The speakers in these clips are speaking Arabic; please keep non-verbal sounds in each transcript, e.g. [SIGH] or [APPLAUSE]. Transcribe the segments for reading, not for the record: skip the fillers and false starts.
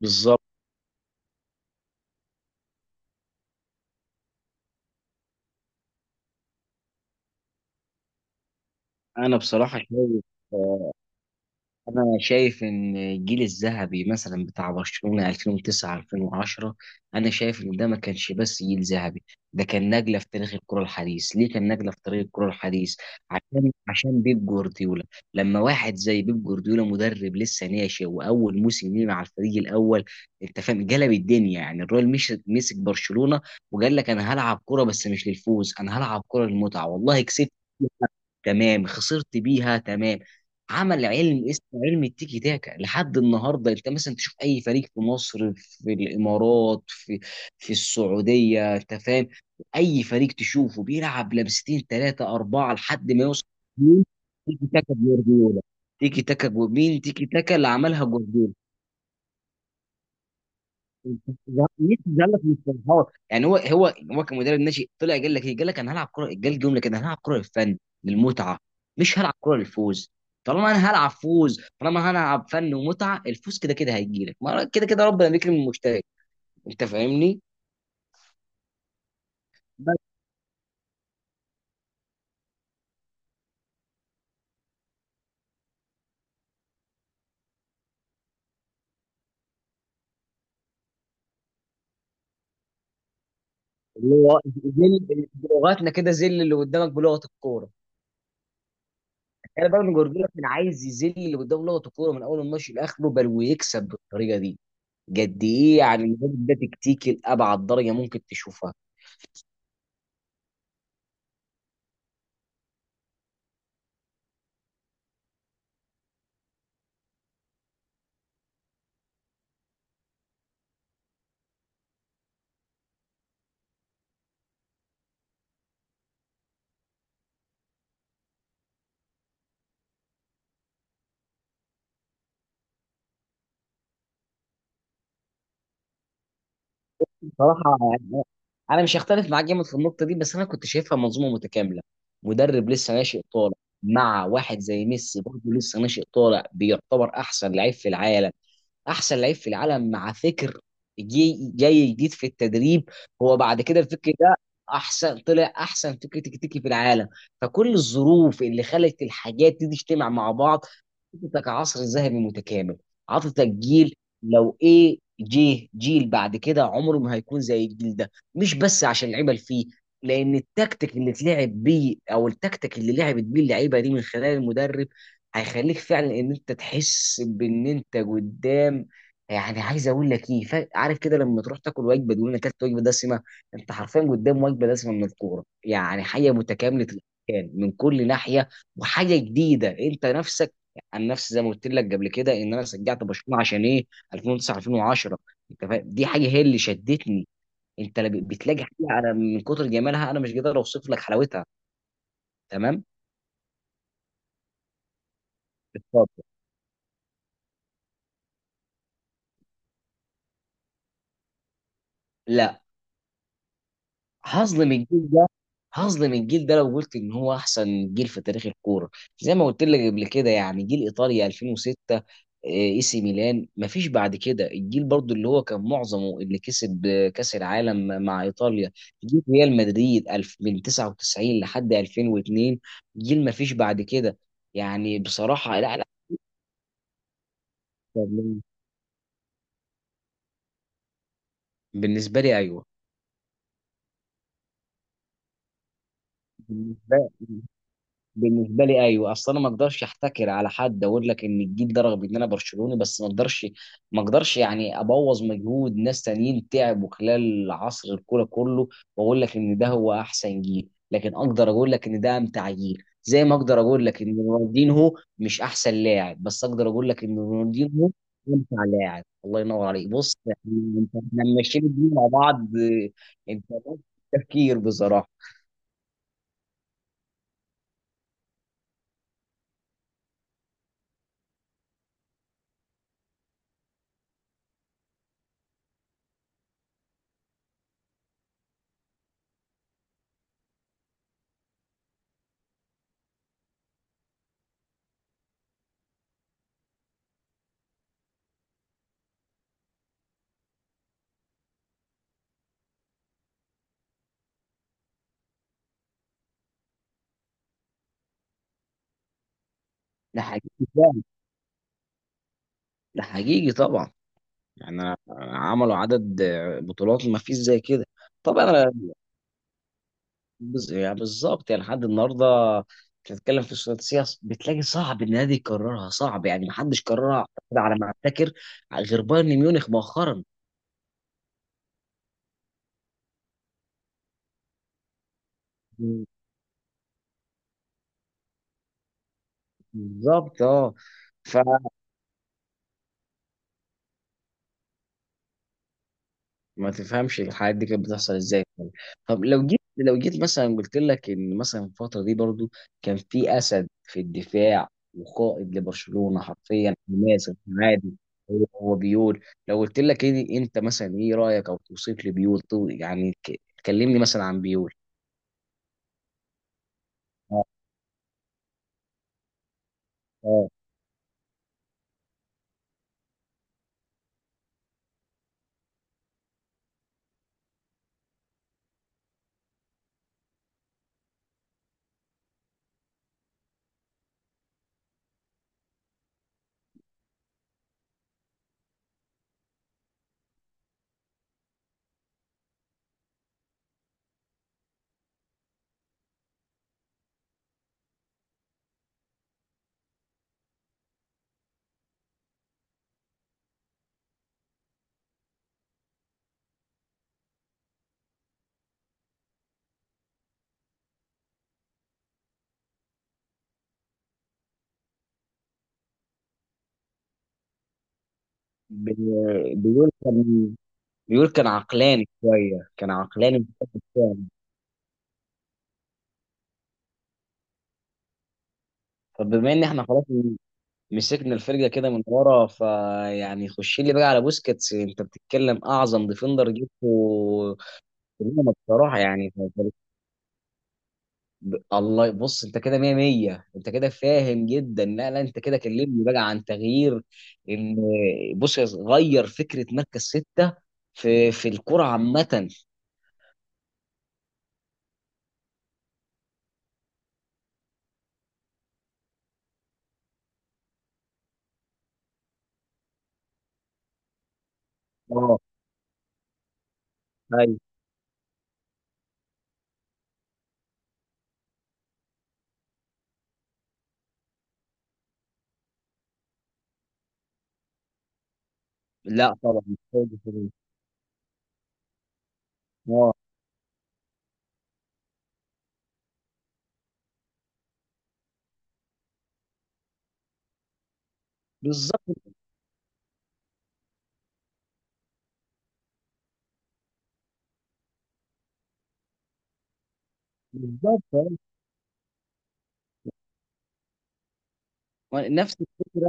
بالظبط. انا بصراحه شايف، آه، انا شايف ان الجيل الذهبي مثلا بتاع برشلونه 2009 2010، انا شايف ان ده ما كانش بس جيل ذهبي، ده كان نجله في تاريخ الكره الحديث. ليه كان نجله في تاريخ الكره الحديث؟ عشان بيب جوارديولا. لما واحد زي بيب جوارديولا مدرب لسه ناشئ واول موسم ليه مع الفريق الاول، انت فاهم قلب الدنيا؟ يعني الراجل مش مسك برشلونه وقال لك انا هلعب كره بس مش للفوز، انا هلعب كره للمتعه، والله كسبت تمام، خسرت بيها تمام. عمل علم اسمه علم التيكي تاكا لحد النهارده. انت مثلا تشوف اي فريق في مصر، في الامارات، في السعوديه، انت فاهم؟ اي فريق تشوفه بيلعب لمستين، ثلاثه، اربعه لحد ما يوصل. مين؟ تيكي تاكا جوارديولا. تيكي تاكا مين تيكي تاكا؟ اللي عملها جوارديولا. ميسي زعلك مش فرحان؟ يعني هو كمدرب ناشئ طلع قال لك ايه؟ قال لك انا هلعب كره. قال جمله كده: انا هلعب كره للفن، للمتعه، مش هلعب كره للفوز. طالما انا هلعب فوز، طالما انا هلعب فن ومتعه، الفوز كده كده هيجي لك، ما كده كده ربنا بيكرم المجتهد. انت فاهمني؟ بس اللي هو ذل بلغتنا كده، ذل اللي قدامك بلغه الكوره. انا بقى جورجيا كان عايز يذل اللي قدامه بلغه الكوره من اول الماتش لاخره بل ويكسب بالطريقه دي. قد ايه يعني الراجل ده تكتيكي لابعد درجه ممكن تشوفها. بصراحة يعني أنا مش هختلف معاك جامد في النقطة دي، بس أنا كنت شايفها منظومة متكاملة. مدرب لسه ناشئ طالع مع واحد زي ميسي برضه لسه ناشئ طالع بيعتبر أحسن لعيب في العالم. احسن لعيب في العالم مع فكر جاي جديد في التدريب. هو بعد كده الفكر ده احسن، طلع احسن فكر تكتيكي في العالم. فكل الظروف اللي خلت الحاجات دي تجتمع مع بعض عطتك عصر ذهبي متكامل، عطتك جيل. لو ايه جه جيل بعد كده عمره ما هيكون زي الجيل ده، مش بس عشان اللعيبه اللي فيه، لان التكتيك اللي اتلعب بيه او التكتيك اللي لعبت بيه اللعيبه دي من خلال المدرب هيخليك فعلا ان انت تحس بان انت قدام، يعني عايز اقول لك ايه؟ عارف كده لما تروح تاكل وجبه تقول انا اكلت وجبه دسمه؟ انت حرفيا قدام وجبه دسمه من الكوره، يعني حاجه متكامله الاركان من كل ناحيه وحاجه جديده انت نفسك. عن نفسي زي ما قلت لك قبل كده ان انا شجعت برشلونه عشان ايه؟ 2009 2010. انت فاهم؟ دي حاجه هي اللي شدتني. انت لا، بتلاقي حاجه انا من كتر جمالها انا مش قادر اوصف لك حلاوتها. تمام. اتفضل. لا، هظلم الجيل، هظلم الجيل ده لو قلت ان هو احسن جيل في تاريخ الكوره. زي ما قلت لك قبل كده يعني جيل ايطاليا 2006، اي سي ميلان مفيش بعد كده. الجيل برضو اللي هو كان معظمه اللي كسب كاس العالم مع ايطاليا. جيل ريال مدريد الف من 99 لحد 2002، جيل مفيش بعد كده. يعني بصراحه، لا لا. بالنسبه لي ايوه. بالنسبه بالنسبه لي ايوه، اصل انا ما اقدرش احتكر على حد، اقول لك ان الجيل ده رغم ان انا برشلوني، بس ما اقدرش، ما اقدرش يعني ابوظ مجهود ناس تانيين تعبوا خلال عصر الكوره كله واقول لك ان ده هو احسن جيل، لكن اقدر اقول لك ان ده امتع جيل، زي ما اقدر اقول لك ان رونالدينهو مش احسن لاعب بس اقدر اقول لك ان رونالدينهو امتع لاعب. الله ينور عليك. بص احنا ماشيين الدنيا مع بعض. انت تفكير بصراحه. ده حقيقي فعلا. ده حقيقي طبعا. يعني عملوا عدد بطولات ما فيش زي كده. طبعا انا يعني بالظبط، يعني لحد النهارده بتتكلم في السياسة بتلاقي صعب ان النادي يكررها. صعب يعني، ما حدش كررها أعتقد على ما افتكر، غير بايرن ميونخ مؤخرا. بالظبط اه. ما تفهمش الحاجات دي كانت بتحصل ازاي يعني. طب لو جيت، لو جيت مثلا قلت لك ان مثلا الفتره دي برضو كان في اسد في الدفاع وقائد لبرشلونه حرفيا حماس. عادي. هو هو بيقول. لو قلت لك إيه انت مثلا ايه رايك او توصيف لبيول؟ يعني كلمني مثلا عن بيول. اه. آه. بيقول كان، بيقول كان عقلاني شويه، كان عقلاني. طب بما ان احنا خلاص مسكنا الفرقه كده من ورا، فيعني خش لي بقى على بوسكيتس. انت بتتكلم اعظم ديفندر جبته في الأمم بصراحه. يعني الله. بص انت كده 100 100، انت كده فاهم جدا. لا لا، انت كده كلمني بقى عن تغيير ان، بص، غير فكره مركز سته في الكره عامه. اه ايوه. لا طبعا مش هيجي في دي. اه بالظبط، بالظبط نفس الفكره،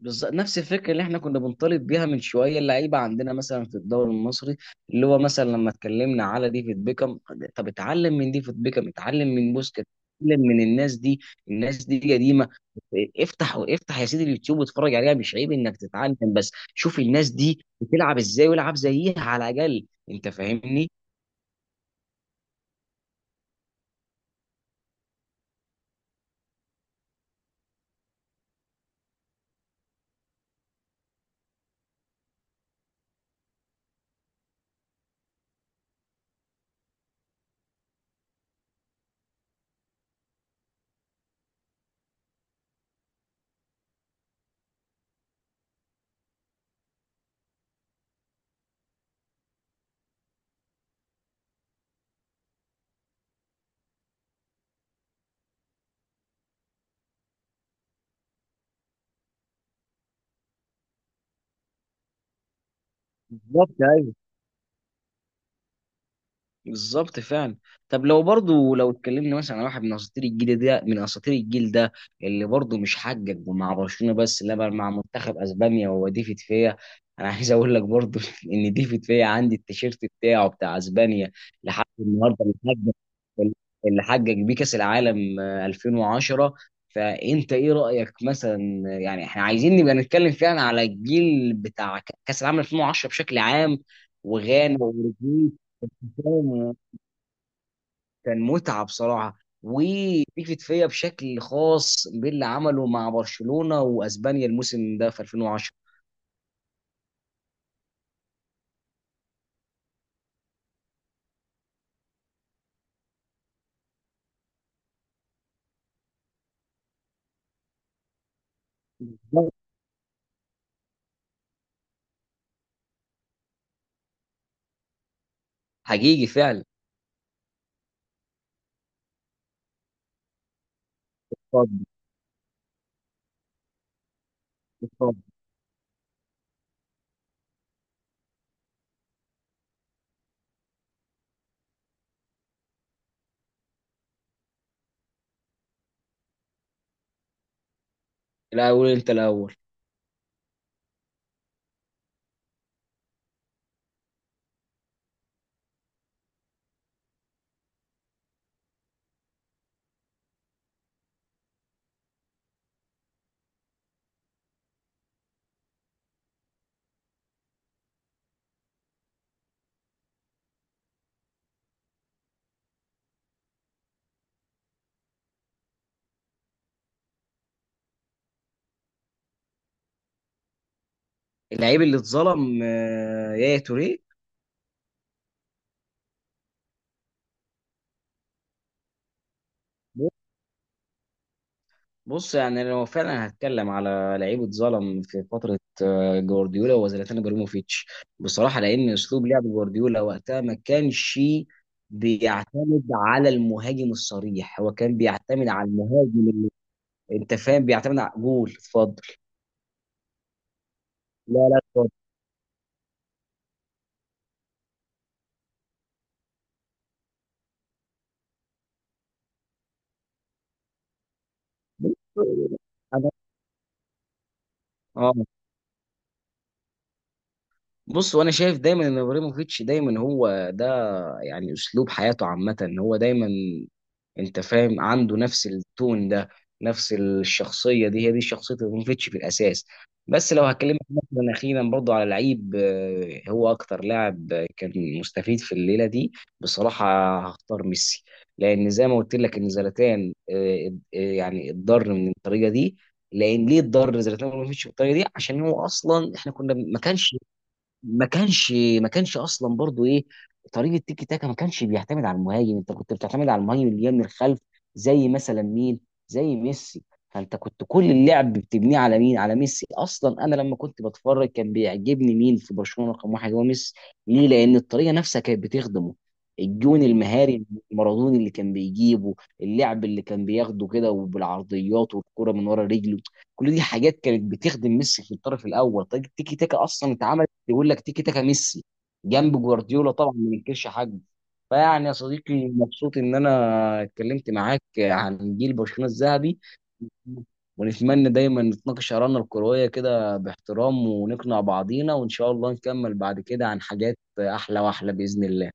بالظبط نفس الفكره اللي احنا كنا بنطالب بيها من شويه اللعيبه عندنا مثلا في الدوري المصري، اللي هو مثلا لما اتكلمنا على ديفيد بيكم. طب اتعلم من ديفيد بيكم، اتعلم من بوسكيت، اتعلم من الناس دي. الناس دي قديمه. افتح افتح يا سيدي اليوتيوب واتفرج عليها. مش عيب انك تتعلم، بس شوف الناس دي بتلعب ازاي والعب زيها على الاقل. انت فاهمني؟ بالظبط أيوه. بالظبط فعلا. طب لو برضو لو اتكلمنا مثلا على واحد من اساطير الجيل ده، من اساطير الجيل ده اللي برضو مش حقق مع برشلونه بس لا بل مع منتخب اسبانيا، وهو ديفيد فيا. انا عايز اقول لك برضو [LAUGHS] ان ديفيد فيا عندي التيشيرت بتاعه بتاع اسبانيا لحد النهارده، حقق اللي حقق بيه كاس العالم 2010. فانت ايه رايك مثلا؟ يعني احنا عايزين نبقى نتكلم فعلا على الجيل بتاع كاس العالم 2010 بشكل عام وغانا واوروجواي. كان متعة بصراحة. وبيفت فيا بشكل خاص باللي عمله مع برشلونة واسبانيا الموسم ده في 2010. حقيقي فعلا. اتفضل. اتفضل. الاول انت الاول. اللعيب اللي اتظلم يا توريه. بص يعني لو فعلا هتكلم على لعيب اتظلم في فتره جوارديولا، هو زلاتان ابراهيموفيتش بصراحه، لان اسلوب لعب جوارديولا وقتها ما كانش بيعتمد على المهاجم الصريح. هو كان بيعتمد على المهاجم، انت فاهم؟ بيعتمد على، قول، اتفضل. لا لا، اتفضل. بص، انا اه. بص، وانا شايف دايما ان ابراهيموفيتش دايما هو ده، يعني اسلوب حياته عامه ان هو دايما، انت فاهم؟ عنده نفس التون ده، نفس الشخصيه دي، هي دي شخصيه ابراهيموفيتش في الاساس. بس لو هكلمك مثلا اخيرا برضو على لعيب هو اكتر لاعب كان مستفيد في الليله دي بصراحه، هختار ميسي. لان زي ما قلت لك ان زلاتان، يعني اتضر من الطريقه دي. لان ليه اتضر زلاتان ابراهيموفيتش بالطريقه دي؟ عشان هو اصلا احنا كنا ما كانش، ما كانش ما كانش اصلا برضو ايه، طريقه تيكي تاكا ما كانش بيعتمد على المهاجم. انت كنت بتعتمد على المهاجم اللي جاي من الخلف، زي مثلا مين؟ زي ميسي. فانت كنت كل اللعب بتبنيه على مين؟ على ميسي. اصلا انا لما كنت بتفرج كان بيعجبني مين في برشلونه رقم واحد؟ هو ميسي. ليه؟ لان الطريقه نفسها كانت بتخدمه. الجون المهاري المارادوني اللي كان بيجيبه، اللعب اللي كان بياخده كده وبالعرضيات والكرة من ورا رجله، كل دي حاجات كانت بتخدم ميسي. في الطرف الاول طريقه تيكي تاكا اصلا اتعمل، يقول لك تيكي تاكا ميسي، جنب جوارديولا طبعا ما ننكرش حاجه. فيعني يا صديقي مبسوط ان انا اتكلمت معاك عن جيل برشلونه الذهبي، ونتمنى دايما نتناقش آرائنا الكروية كده باحترام ونقنع بعضينا، وإن شاء الله نكمل بعد كده عن حاجات أحلى وأحلى بإذن الله.